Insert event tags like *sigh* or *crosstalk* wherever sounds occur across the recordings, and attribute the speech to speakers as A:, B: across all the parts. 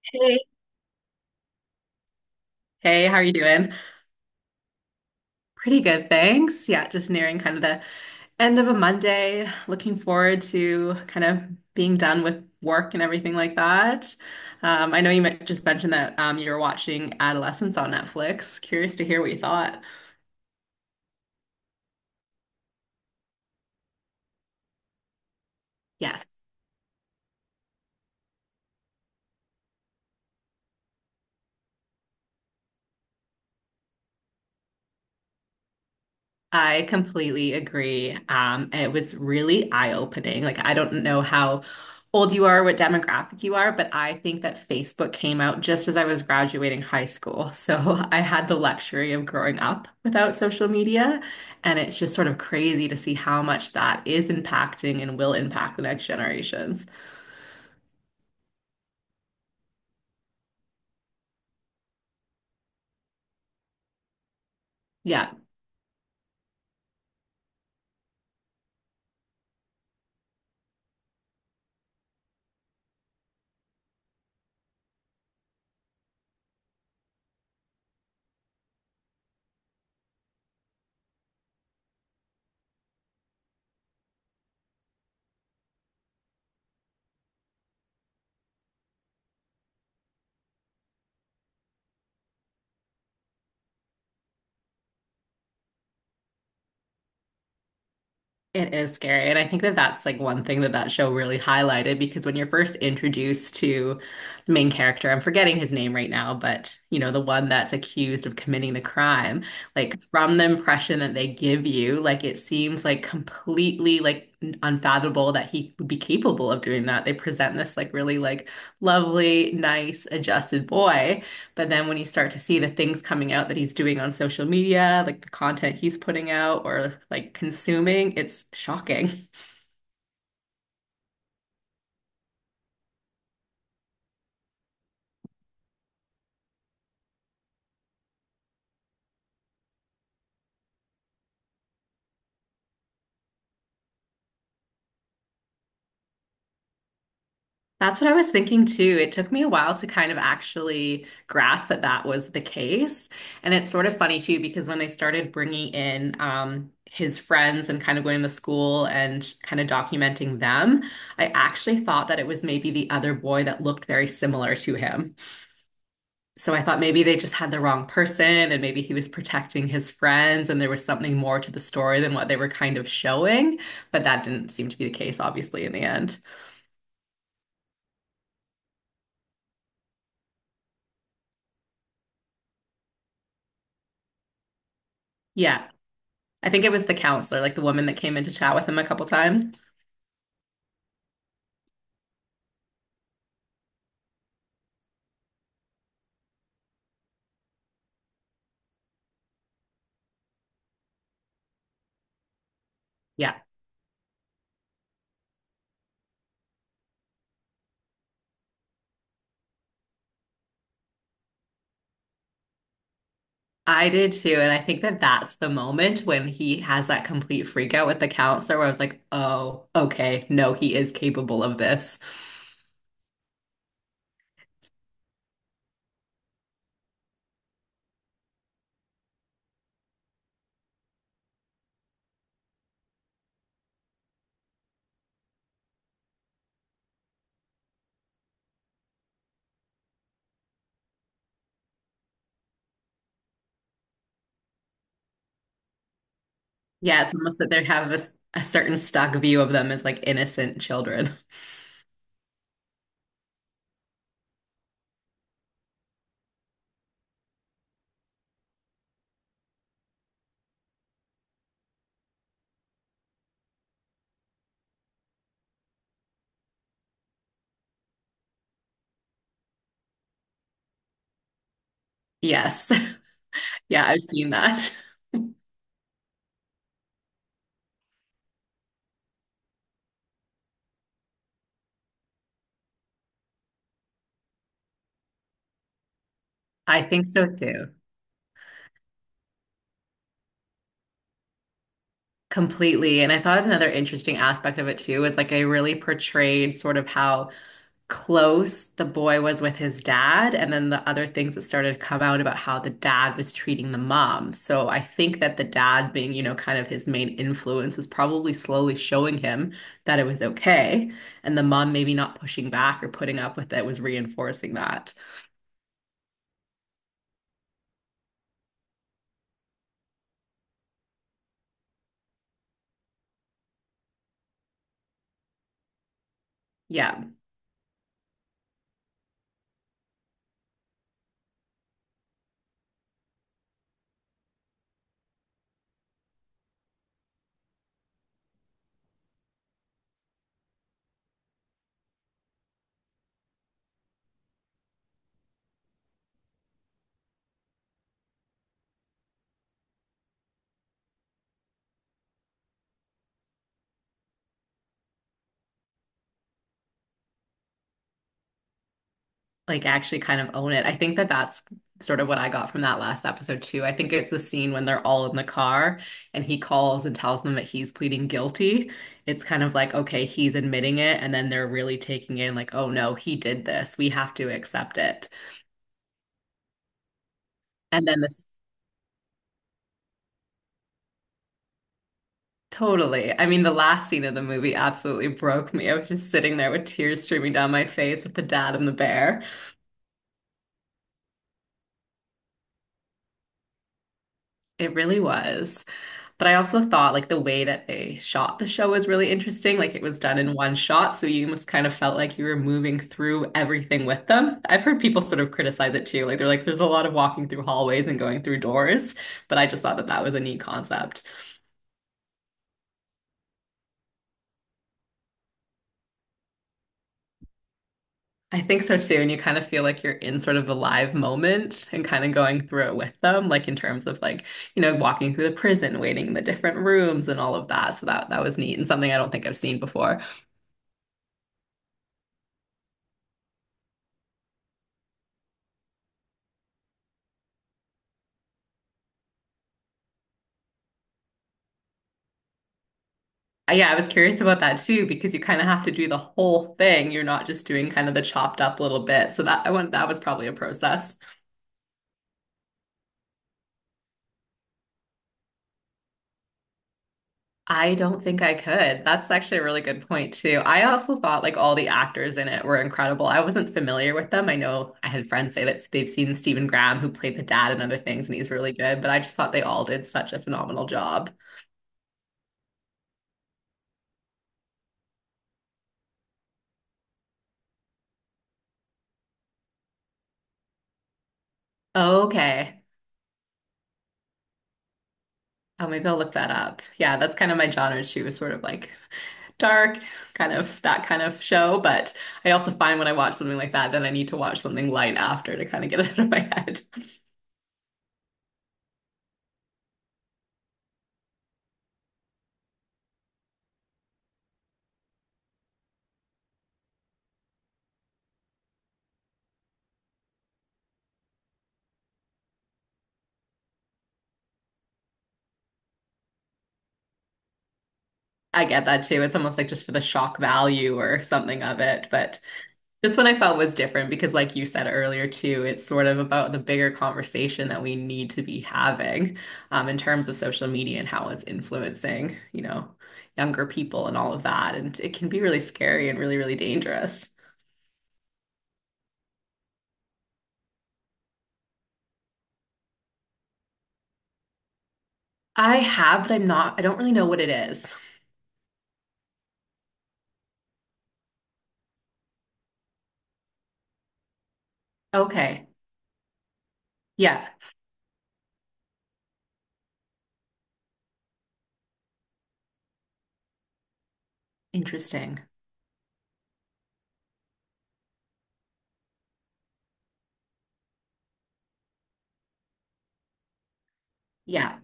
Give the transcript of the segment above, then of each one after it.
A: Hey. Hey, how are you doing? Pretty good, thanks. Yeah, just nearing kind of the end of a Monday. Looking forward to kind of being done with work and everything like that. I know you just mentioned that you were watching Adolescence on Netflix. Curious to hear what you thought. Yes. I completely agree. It was really eye-opening. Like, I don't know how old you are, what demographic you are, but I think that Facebook came out just as I was graduating high school. So *laughs* I had the luxury of growing up without social media. And it's just sort of crazy to see how much that is impacting and will impact the next generations. Yeah. It is scary. And I think that that's like one thing that that show really highlighted because when you're first introduced to the main character, I'm forgetting his name right now, but you know, the one that's accused of committing the crime, like from the impression that they give you, like it seems like completely like unfathomable that he would be capable of doing that. They present this like really like lovely, nice, adjusted boy. But then when you start to see the things coming out that he's doing on social media, like the content he's putting out or like consuming, it's shocking. That's what I was thinking too. It took me a while to kind of actually grasp that that was the case. And it's sort of funny too, because when they started bringing in his friends and kind of going to school and kind of documenting them, I actually thought that it was maybe the other boy that looked very similar to him. So I thought maybe they just had the wrong person and maybe he was protecting his friends and there was something more to the story than what they were kind of showing. But that didn't seem to be the case, obviously, in the end. Yeah, I think it was the counselor, like the woman that came in to chat with him a couple times. Yeah, I did too. And I think that that's the moment when he has that complete freak out with the counselor where I was like, oh, okay, no, he is capable of this. Yeah, it's almost that they have a certain stock view of them as like innocent children. *laughs* Yes. *laughs* Yeah, I've seen that. *laughs* I think so too. Completely. And I thought another interesting aspect of it too is like they really portrayed sort of how close the boy was with his dad, and then the other things that started to come out about how the dad was treating the mom. So I think that the dad being, you know, kind of his main influence was probably slowly showing him that it was okay. And the mom maybe not pushing back or putting up with it was reinforcing that. Yeah, like actually kind of own it. I think that that's sort of what I got from that last episode too. I think it's the scene when they're all in the car and he calls and tells them that he's pleading guilty. It's kind of like, okay, he's admitting it, and then they're really taking in like, oh no, he did this. We have to accept it. And then this totally. I mean, the last scene of the movie absolutely broke me. I was just sitting there with tears streaming down my face with the dad and the bear. It really was. But I also thought like the way that they shot the show was really interesting. Like it was done in one shot, so you almost kind of felt like you were moving through everything with them. I've heard people sort of criticize it too. Like they're like, there's a lot of walking through hallways and going through doors, but I just thought that that was a neat concept. I think so too, and you kind of feel like you're in sort of the live moment and kind of going through it with them, like in terms of like, you know, walking through the prison, waiting in the different rooms and all of that. So that that was neat and something I don't think I've seen before. Yeah, I was curious about that too because you kind of have to do the whole thing. You're not just doing kind of the chopped up little bit. So that I want that was probably a process. I don't think I could. That's actually a really good point too. I also thought like all the actors in it were incredible. I wasn't familiar with them. I know I had friends say that they've seen Stephen Graham who played the dad and other things and he's really good, but I just thought they all did such a phenomenal job. Okay. Oh, maybe I'll look that up. Yeah, that's kind of my genre too, is sort of like dark, kind of that kind of show. But I also find when I watch something like that, then I need to watch something light after to kind of get *laughs* it out of my head. *laughs* I get that too. It's almost like just for the shock value or something of it. But this one I felt was different because, like you said earlier, too, it's sort of about the bigger conversation that we need to be having in terms of social media and how it's influencing, you know, younger people and all of that. And it can be really scary and really, really dangerous. I have, but I don't really know what it is. Okay. Yeah. Interesting. Yeah.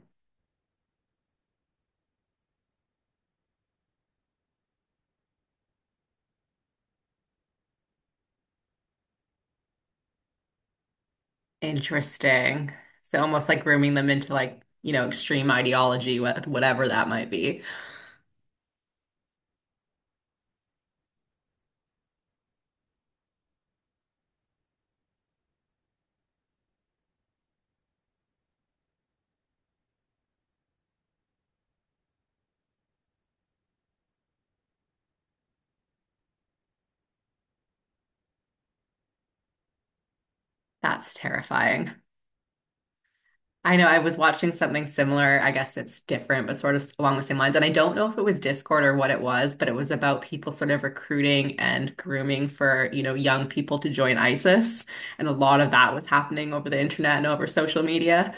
A: Interesting. So almost like grooming them into like, you know, extreme ideology, whatever that might be. That's terrifying. I know I was watching something similar. I guess it's different, but sort of along the same lines. And I don't know if it was Discord or what it was, but it was about people sort of recruiting and grooming for, you know, young people to join ISIS. And a lot of that was happening over the internet and over social media.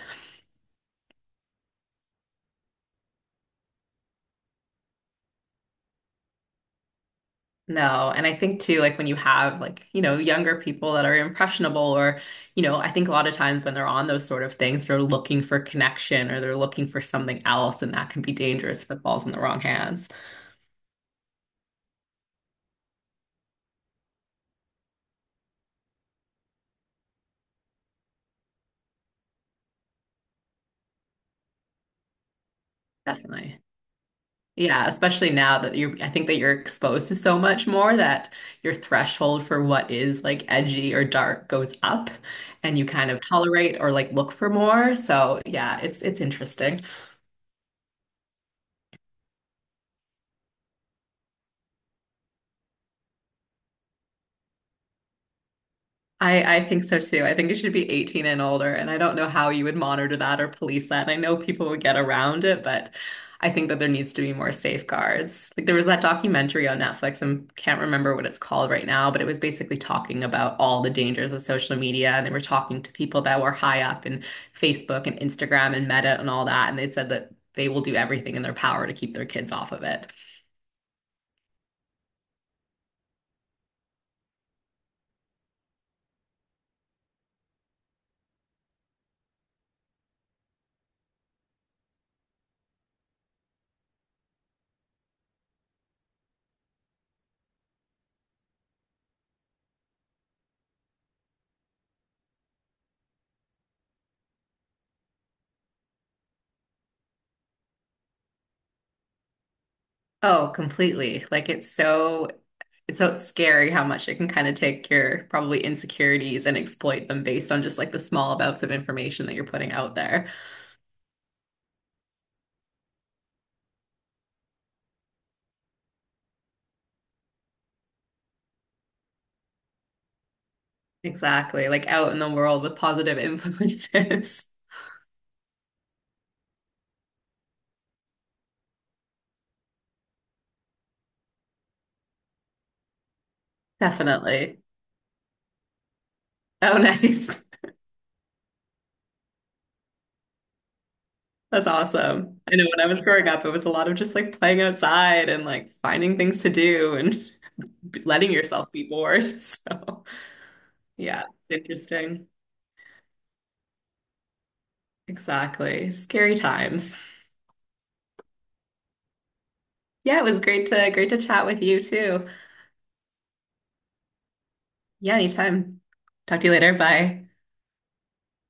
A: No, and I think too, like when you have like, you know, younger people that are impressionable or, you know, I think a lot of times when they're on those sort of things, they're looking for connection or they're looking for something else, and that can be dangerous if it falls in the wrong hands. Definitely. Yeah, especially now that I think that you're exposed to so much more that your threshold for what is like edgy or dark goes up and you kind of tolerate or like look for more. So yeah, it's interesting. I think so too. I think it should be 18 and older. And I don't know how you would monitor that or police that. And I know people would get around it, but I think that there needs to be more safeguards. Like there was that documentary on Netflix, and can't remember what it's called right now, but it was basically talking about all the dangers of social media. And they were talking to people that were high up in Facebook and Instagram and Meta and all that. And they said that they will do everything in their power to keep their kids off of it. Oh, completely. Like it's so scary how much it can kind of take your probably insecurities and exploit them based on just like the small amounts of information that you're putting out there. Exactly. Like out in the world with positive influences. *laughs* Definitely. Oh, nice. *laughs* That's awesome. I know when I was growing up, it was a lot of just like playing outside and like finding things to do and *laughs* letting yourself be bored. *laughs* So, yeah, it's interesting. Exactly. Scary times. Yeah, it was great to chat with you too. Yeah, anytime. Talk to you later. Bye.